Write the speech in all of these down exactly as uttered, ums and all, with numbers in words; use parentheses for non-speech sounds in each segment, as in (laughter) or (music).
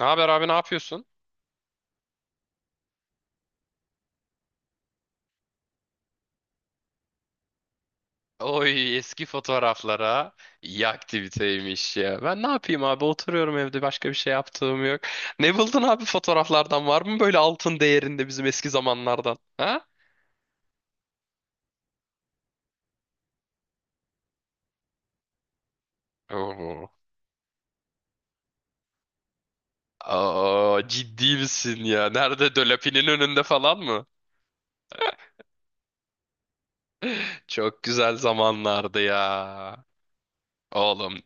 Ne haber abi, ne yapıyorsun? Oy, eski fotoğraflara iyi aktiviteymiş ya. Ben ne yapayım abi, oturuyorum evde, başka bir şey yaptığım yok. Ne buldun abi, fotoğraflardan var mı böyle altın değerinde bizim eski zamanlardan? Ha? Oo. Aa, ciddi misin ya? Nerede, Dölapi'nin önünde falan mı? (laughs) Çok güzel zamanlardı ya. Oğlum,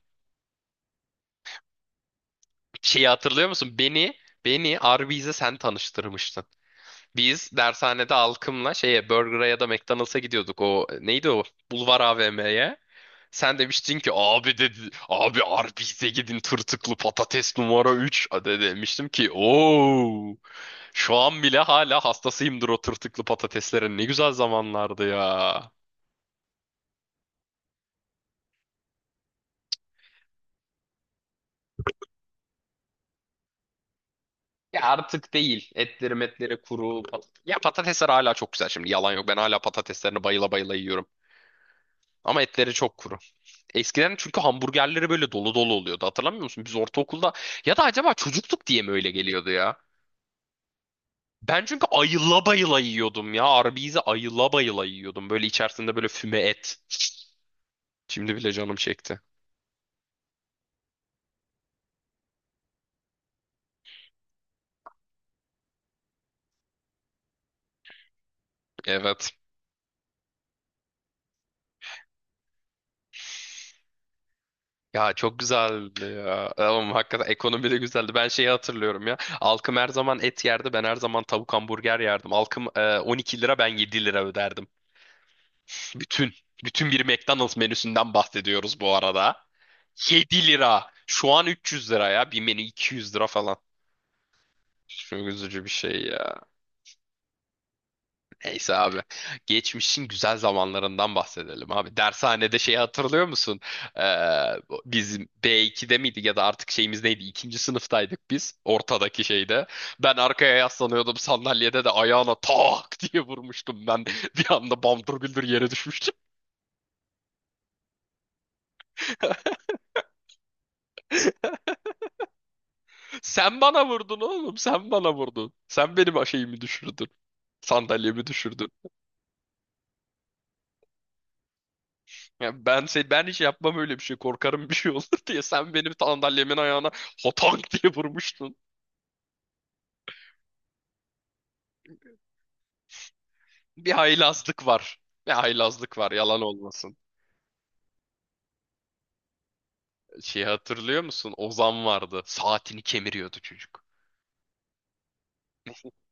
şeyi hatırlıyor musun? Beni, beni Arby's'e sen tanıştırmıştın. Biz dershanede alkımla şeye Burger'a ya da McDonald's'a gidiyorduk. O neydi o? Bulvar A V M'ye. Sen demiştin ki abi, dedi abi Arby's'e gidin tırtıklı patates numara üç. De demiştim ki ooo, şu an bile hala hastasıyımdır o tırtıklı patateslerin, ne güzel zamanlardı ya. Ya artık değil. Etleri metleri kuru. Pat ya, patatesler hala çok güzel şimdi, yalan yok. Ben hala patateslerini bayıla bayıla yiyorum. Ama etleri çok kuru. Eskiden çünkü hamburgerleri böyle dolu dolu oluyordu. Hatırlamıyor musun? Biz ortaokulda, ya da acaba çocukluk diye mi öyle geliyordu ya? Ben çünkü ayıla bayıla yiyordum ya. Arby's'i ayıla bayıla yiyordum. Böyle içerisinde böyle füme et. Şimdi bile canım çekti. Evet. Ya çok güzeldi ya. Ama hakikaten ekonomi de güzeldi. Ben şeyi hatırlıyorum ya. Alkım her zaman et yerdi. Ben her zaman tavuk hamburger yerdim. Alkım e, on iki lira, ben yedi lira öderdim. Bütün. Bütün bir McDonald's menüsünden bahsediyoruz bu arada. Yedi lira. Şu an üç yüz lira ya. Bir menü iki yüz lira falan. Çok üzücü bir şey ya. Neyse abi. Geçmişin güzel zamanlarından bahsedelim abi. Dershanede şeyi hatırlıyor musun? Ee, bizim be iki'de miydik ya da artık şeyimiz neydi? İkinci sınıftaydık biz. Ortadaki şeyde. Ben arkaya yaslanıyordum sandalyede de ayağına tak diye vurmuştum ben. (laughs) Bir anda bamdır güldür yere düşmüştüm. (laughs) Sen bana vurdun oğlum. Sen bana vurdun. Sen benim şeyimi düşürdün. Sandalyemi düşürdün. Ya ben se- ben hiç yapmam öyle bir şey. Korkarım bir şey olur (laughs) diye. Sen benim sandalyemin ayağına hotank diye vurmuştun. Bir haylazlık var. Bir haylazlık var, yalan olmasın. Şeyi hatırlıyor musun? Ozan vardı. Saatini kemiriyordu çocuk. (laughs)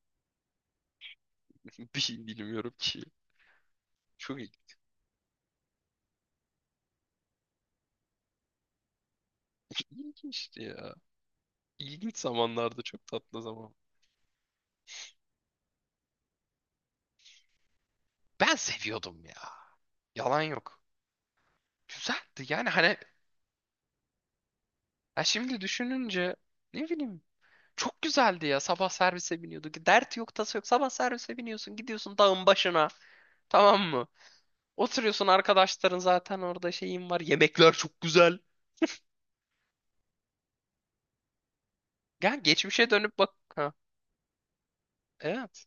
Bir şey bilmiyorum ki. Çok il- ilginçti ya. İlginç zamanlarda, çok tatlı zaman. Ben seviyordum ya. Yalan yok. Güzeldi yani hani, ya şimdi düşününce ne bileyim. Çok güzeldi ya. Sabah servise biniyorduk. Dert yok, tası yok. Sabah servise biniyorsun, gidiyorsun dağın başına. Tamam mı? Oturuyorsun, arkadaşların zaten orada, şeyin var. Yemekler çok güzel. Ya geçmişe dönüp bak. Ha, evet.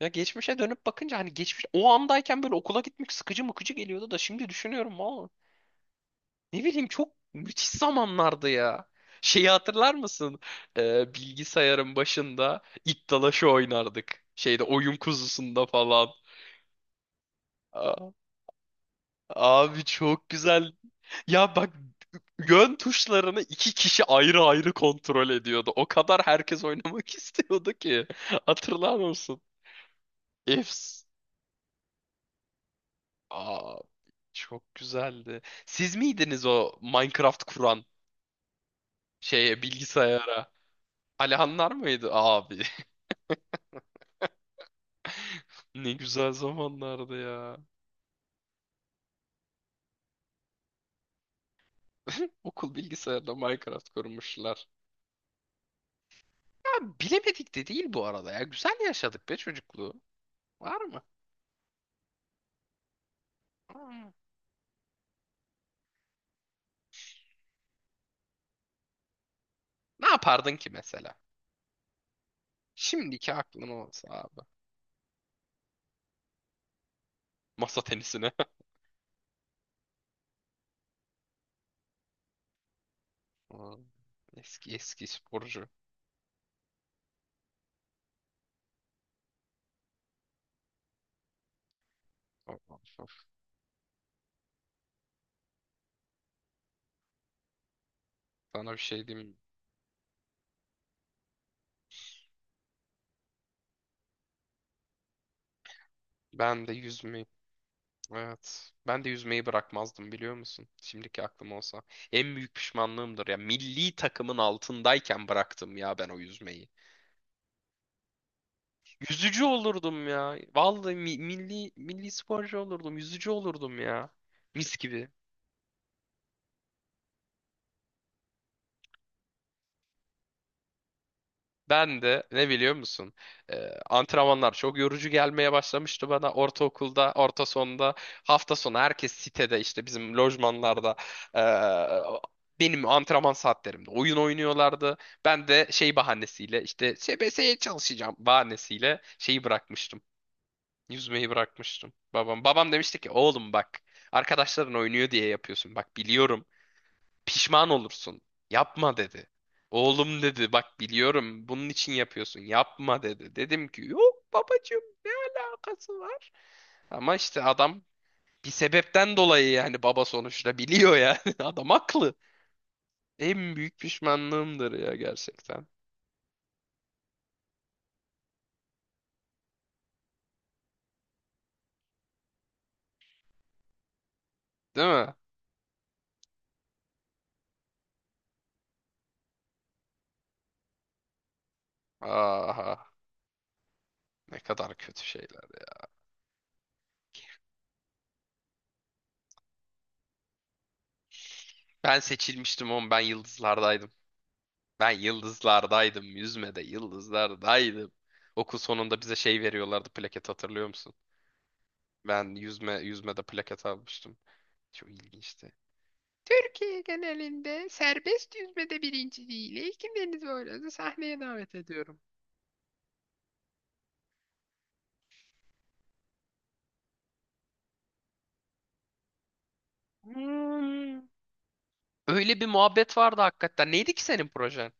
Ya geçmişe dönüp bakınca hani geçmiş o andayken böyle okula gitmek sıkıcı mıkıcı geliyordu da, şimdi düşünüyorum valla, ne bileyim çok müthiş zamanlardı ya. Şeyi hatırlar mısın? Ee, bilgisayarın başında iddalaşı oynardık. Şeyde oyun kuzusunda falan. Abi çok güzel. Ya bak, yön tuşlarını iki kişi ayrı ayrı kontrol ediyordu. O kadar herkes oynamak (laughs) istiyordu ki. Hatırlar mısın? Efs. Aa, çok güzeldi. Siz miydiniz o Minecraft kuran şeye, bilgisayara? Alihanlar mıydı abi? (laughs) Ne güzel zamanlardı ya. (laughs) Okul bilgisayarına Minecraft kurmuşlar. Ya bilemedik de değil bu arada ya. Güzel yaşadık be çocukluğu. Var mı? Hmm. Ne yapardın ki mesela? Şimdiki aklım olsa abi. Masa tenisine. (laughs) Aa, eski eski sporcu. Of, of, of. Sana bir şey diyeyim mi? Ben de yüzmeyi. Evet. Ben de yüzmeyi bırakmazdım biliyor musun? Şimdiki aklım olsa. En büyük pişmanlığımdır ya. Milli takımın altındayken bıraktım ya ben o yüzmeyi. Yüzücü olurdum ya. Vallahi mi- milli milli sporcu olurdum. Yüzücü olurdum ya. Mis gibi. Ben de ne biliyor musun? Ee, antrenmanlar çok yorucu gelmeye başlamıştı bana ortaokulda, orta sonda. Hafta sonu herkes sitede işte bizim lojmanlarda ee, benim antrenman saatlerimde oyun oynuyorlardı. Ben de şey bahanesiyle işte S B S'ye çalışacağım bahanesiyle şeyi bırakmıştım. Yüzmeyi bırakmıştım. Babam babam demişti ki oğlum bak, arkadaşların oynuyor diye yapıyorsun. Bak biliyorum, pişman olursun. Yapma dedi. Oğlum dedi, bak biliyorum bunun için yapıyorsun. Yapma dedi. Dedim ki yok babacığım, alakası var. Ama işte adam bir sebepten dolayı yani, baba sonuçta biliyor yani. (laughs) Adam haklı. En büyük pişmanlığımdır ya gerçekten. Değil mi? Aha, ne kadar kötü şeyler. Ben seçilmiştim oğlum, ben yıldızlardaydım. Ben yıldızlardaydım. Yüzmede yıldızlardaydım. Okul sonunda bize şey veriyorlardı, plaket, hatırlıyor musun? Ben yüzme yüzmede plaket almıştım. Çok ilginçti. Türkiye genelinde serbest yüzmede birinciliğiyle ilkin Deniz Boylarını sahneye davet ediyorum. Hmm. Öyle bir muhabbet vardı hakikaten. Neydi ki senin projen?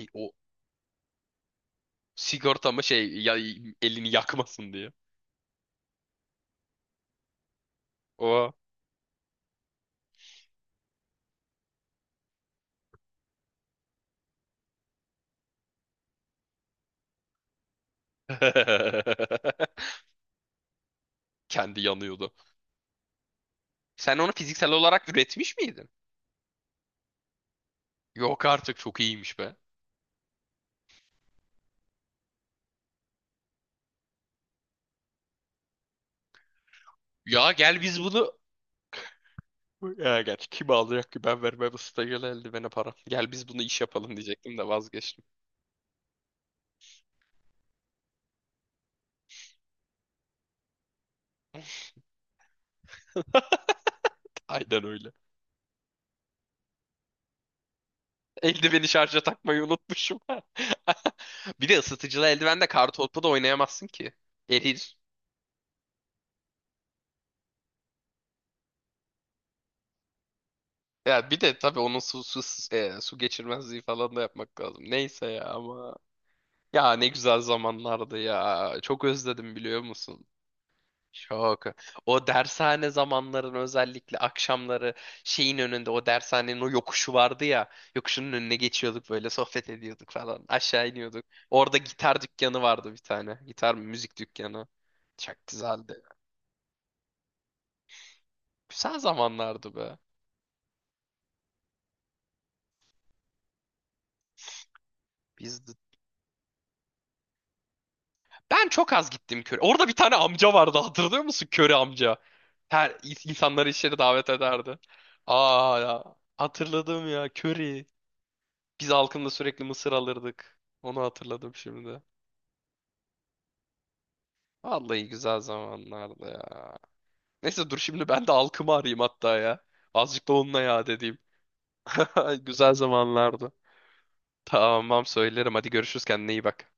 E, o sigorta mı şey ya, elini yakmasın diye. O. (laughs) Kendi yanıyordu. Sen onu fiziksel olarak üretmiş miydin? Yok artık, çok iyiymiş be. Ya gel biz bunu. Ya gerçi kim alacak ki, ben vermem stajyere eldivene para. Gel biz bunu iş yapalım diyecektim de vazgeçtim. (laughs) Aynen öyle. Eldiveni şarja takmayı unutmuşum. (laughs) Bir de ısıtıcılı eldivenle kartopu da oynayamazsın ki. Erir. Ya bir de tabii onun su, su, e, su geçirmezliği falan da yapmak lazım. Neyse ya, ama. Ya ne güzel zamanlardı ya. Çok özledim biliyor musun? Çok. O dershane zamanların özellikle akşamları, şeyin önünde, o dershanenin o yokuşu vardı ya. Yokuşun önüne geçiyorduk böyle, sohbet ediyorduk falan. Aşağı iniyorduk. Orada gitar dükkanı vardı bir tane. Gitar mı, müzik dükkanı. Çok güzeldi. Güzel zamanlardı be. Biz Ben çok az gittim köre. Orada bir tane amca vardı, hatırlıyor musun? Köre amca. Her insanları içeri davet ederdi. Aa ya. Hatırladım ya, köri. Biz halkımla sürekli mısır alırdık. Onu hatırladım şimdi. Vallahi güzel zamanlardı ya. Neyse, dur şimdi ben de halkımı arayayım hatta ya. Azıcık da onunla yad edeyim. (laughs) Güzel zamanlardı. Tamam söylerim. Hadi görüşürüz, kendine iyi bak.